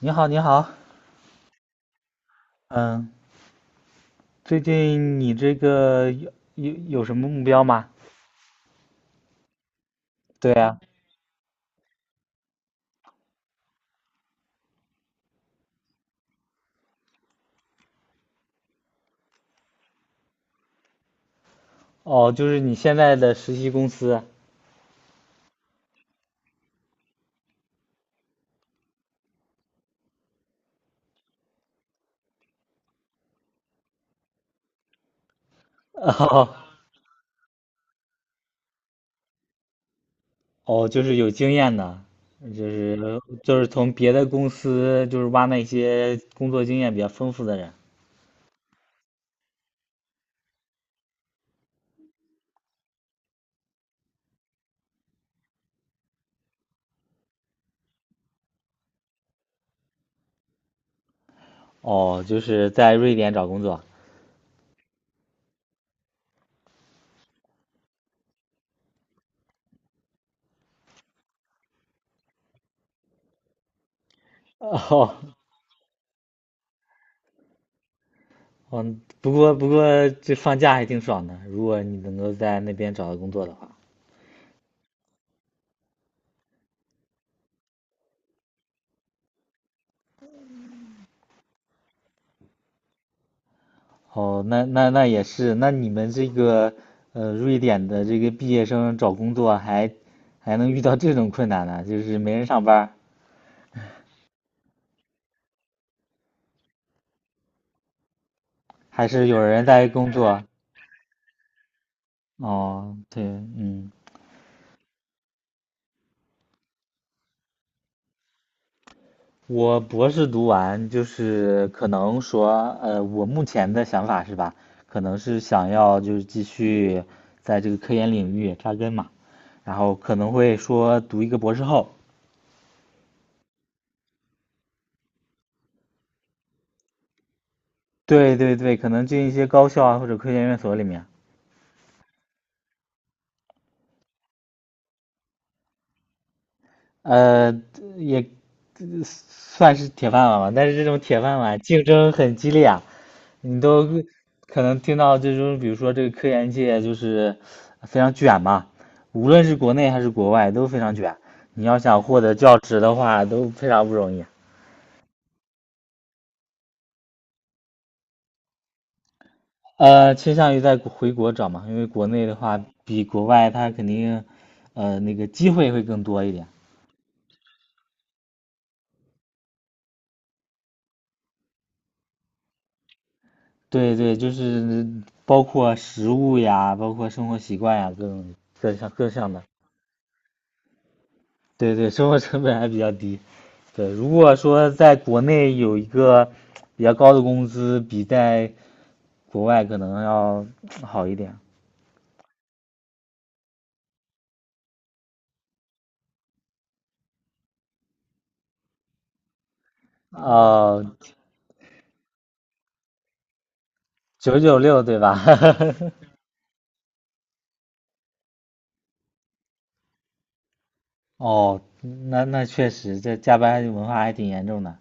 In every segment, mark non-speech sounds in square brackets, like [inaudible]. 你好，你好。嗯。最近你这个有什么目标吗？对啊。哦，就是你现在的实习公司。[laughs] 哦。哦，就是有经验的。就是从别的公司就是挖那些工作经验比较丰富的人。哦，就是在瑞典找工作。[laughs] 哦。嗯，不过这放假还挺爽的，如果你能够在那边找到工作的话。哦，那也是。那你们这个瑞典的这个毕业生找工作还能遇到这种困难呢？就是没人上班儿还是有人在工作？哦，对。嗯。我博士读完就是可能说，我目前的想法是吧，可能是想要就是继续在这个科研领域扎根嘛，然后可能会说读一个博士后。对对对，可能进一些高校啊或者科研院所里面。呃，也算是铁饭碗吧，但是这种铁饭碗竞争很激烈啊，你都可能听到这种，比如说这个科研界就是非常卷嘛，无论是国内还是国外都非常卷。你要想获得教职的话，都非常不容易。倾向于回国找嘛，因为国内的话比国外它肯定，机会会更多一点。对对，就是包括食物呀，包括生活习惯呀，各种各项的。对对，生活成本还比较低。对，如果说在国内有一个比较高的工资，比在国外可能要好一点。哦，九九六对吧？[laughs] 哦，那确实，这加班文化还挺严重的。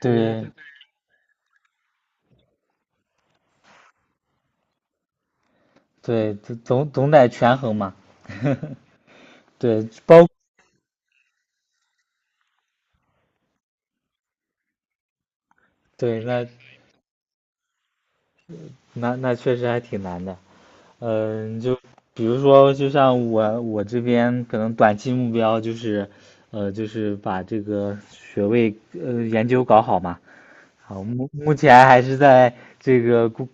对对，总得权衡嘛。[laughs] 对，对，那确实还挺难的。嗯，就比如说，就像我这边可能短期目标就是，就是把这个学位研究搞好嘛。啊，目前还是在这个攻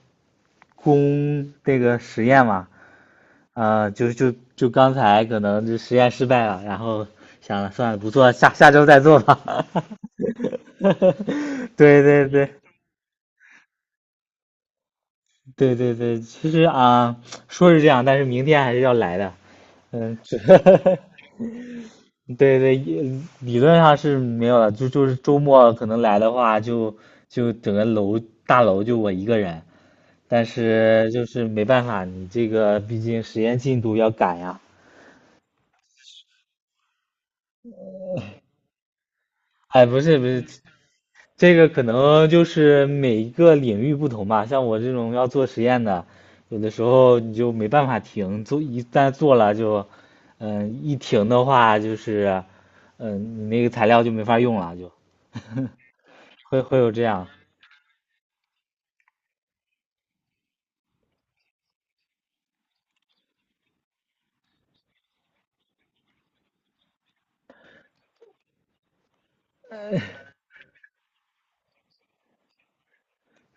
攻这个实验嘛。啊，就刚才可能就实验失败了，然后想了算了，不做，下下周再做吧。[laughs] 对对对对对对，其实啊，说是这样，但是明天还是要来的。嗯，是。 [laughs] 对对，也理论上是没有了，就是周末可能来的话就，就整个楼大楼就我一个人，但是就是没办法，你这个毕竟实验进度要赶呀。哎，不是不是，这个可能就是每一个领域不同吧，像我这种要做实验的，有的时候你就没办法停，一旦做了就，一停的话就是，嗯，你那个材料就没法用了，就 [laughs] 会有这样。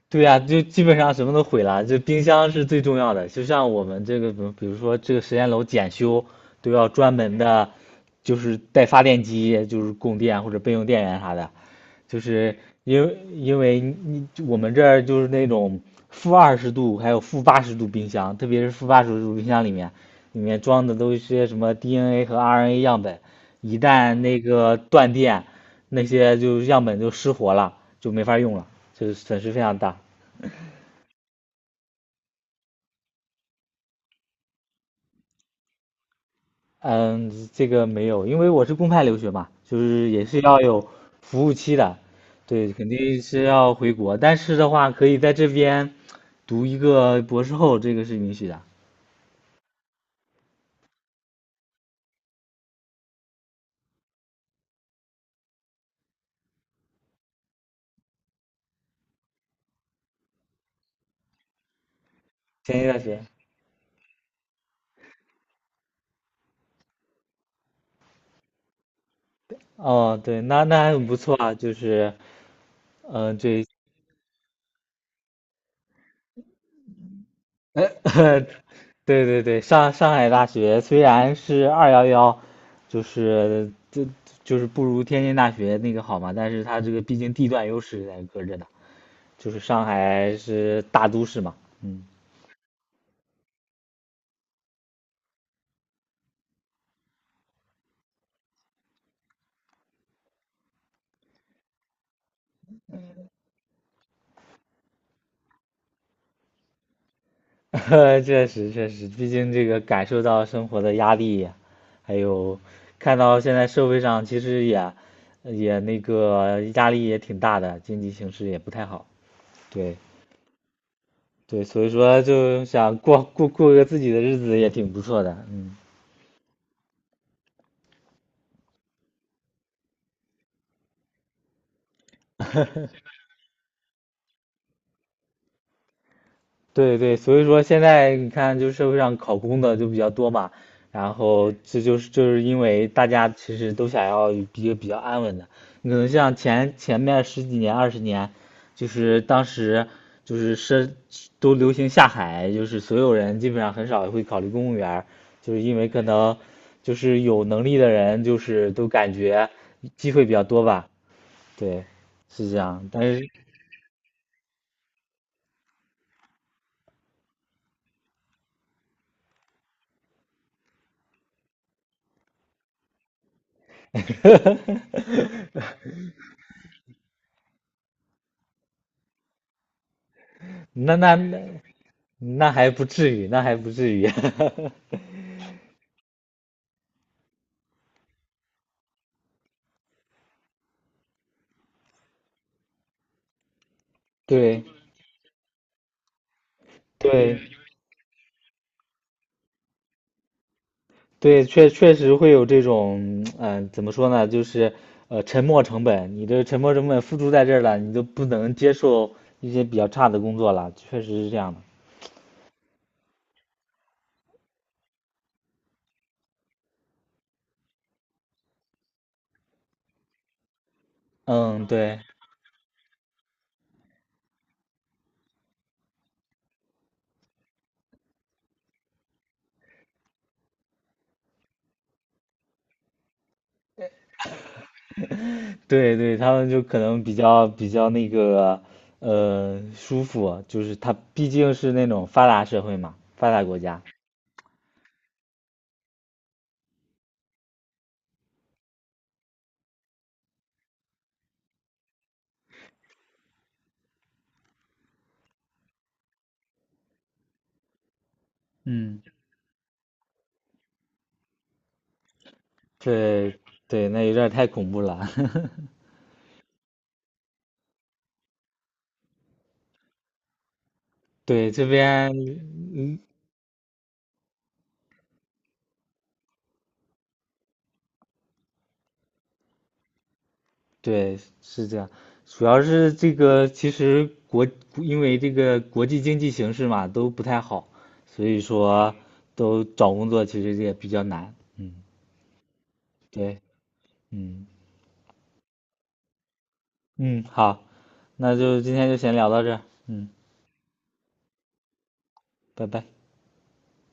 对呀，就基本上什么都毁了，就冰箱是最重要的。就像我们这个，比如说这个实验楼检修，都要专门的，就是带发电机，就是供电或者备用电源啥的。就是因为我们这儿就是那种-20度还有负八十度冰箱，特别是负八十度冰箱里面，里面装的都是些什么 DNA 和 RNA 样本，一旦那个断电。那些就样本就失活了，就没法用了，就是损失非常大。嗯，这个没有，因为我是公派留学嘛，就是也是要有服务期的，对，肯定是要回国，但是的话可以在这边读一个博士后，这个是允许的。前一段时间。哦，对，那还很不错啊，就是，嗯、对。[laughs] 对对对，上海大学虽然是211，就是就就是不如天津大学那个好嘛，但是它这个毕竟地段优势在搁着呢，就是上海是大都市嘛。嗯。[laughs] 确实确实，毕竟这个感受到生活的压力，还有看到现在社会上其实也那个压力也挺大的，经济形势也不太好。对，对，所以说就想过个自己的日子也挺不错的。嗯，对对，所以说现在你看，就社会上考公的就比较多嘛，然后这就是因为大家其实都想要一个比较安稳的。你可能像前面十几年20年，就是当时就是都流行下海，就是所有人基本上很少会考虑公务员儿，就是因为可能就是有能力的人就是都感觉机会比较多吧。对，是这样，但是。 [laughs] 那那那那还不至于，那还不至于。[laughs] 对对对，确实会有这种，嗯、怎么说呢，就是沉没成本，你这沉没成本付出在这儿了，你就不能接受一些比较差的工作了，确实是这样的。嗯，对，对对，他们就可能比较舒服，就是他毕竟是那种发达社会嘛，发达国家。嗯，对对，那有点儿太恐怖了。[laughs] 对，这边，嗯，对，是这样。主要是这个，其实国，因为这个国际经济形势嘛，都不太好，所以说都找工作其实也比较难。嗯，对，嗯嗯，好，那就今天就先聊到这儿。嗯，拜拜。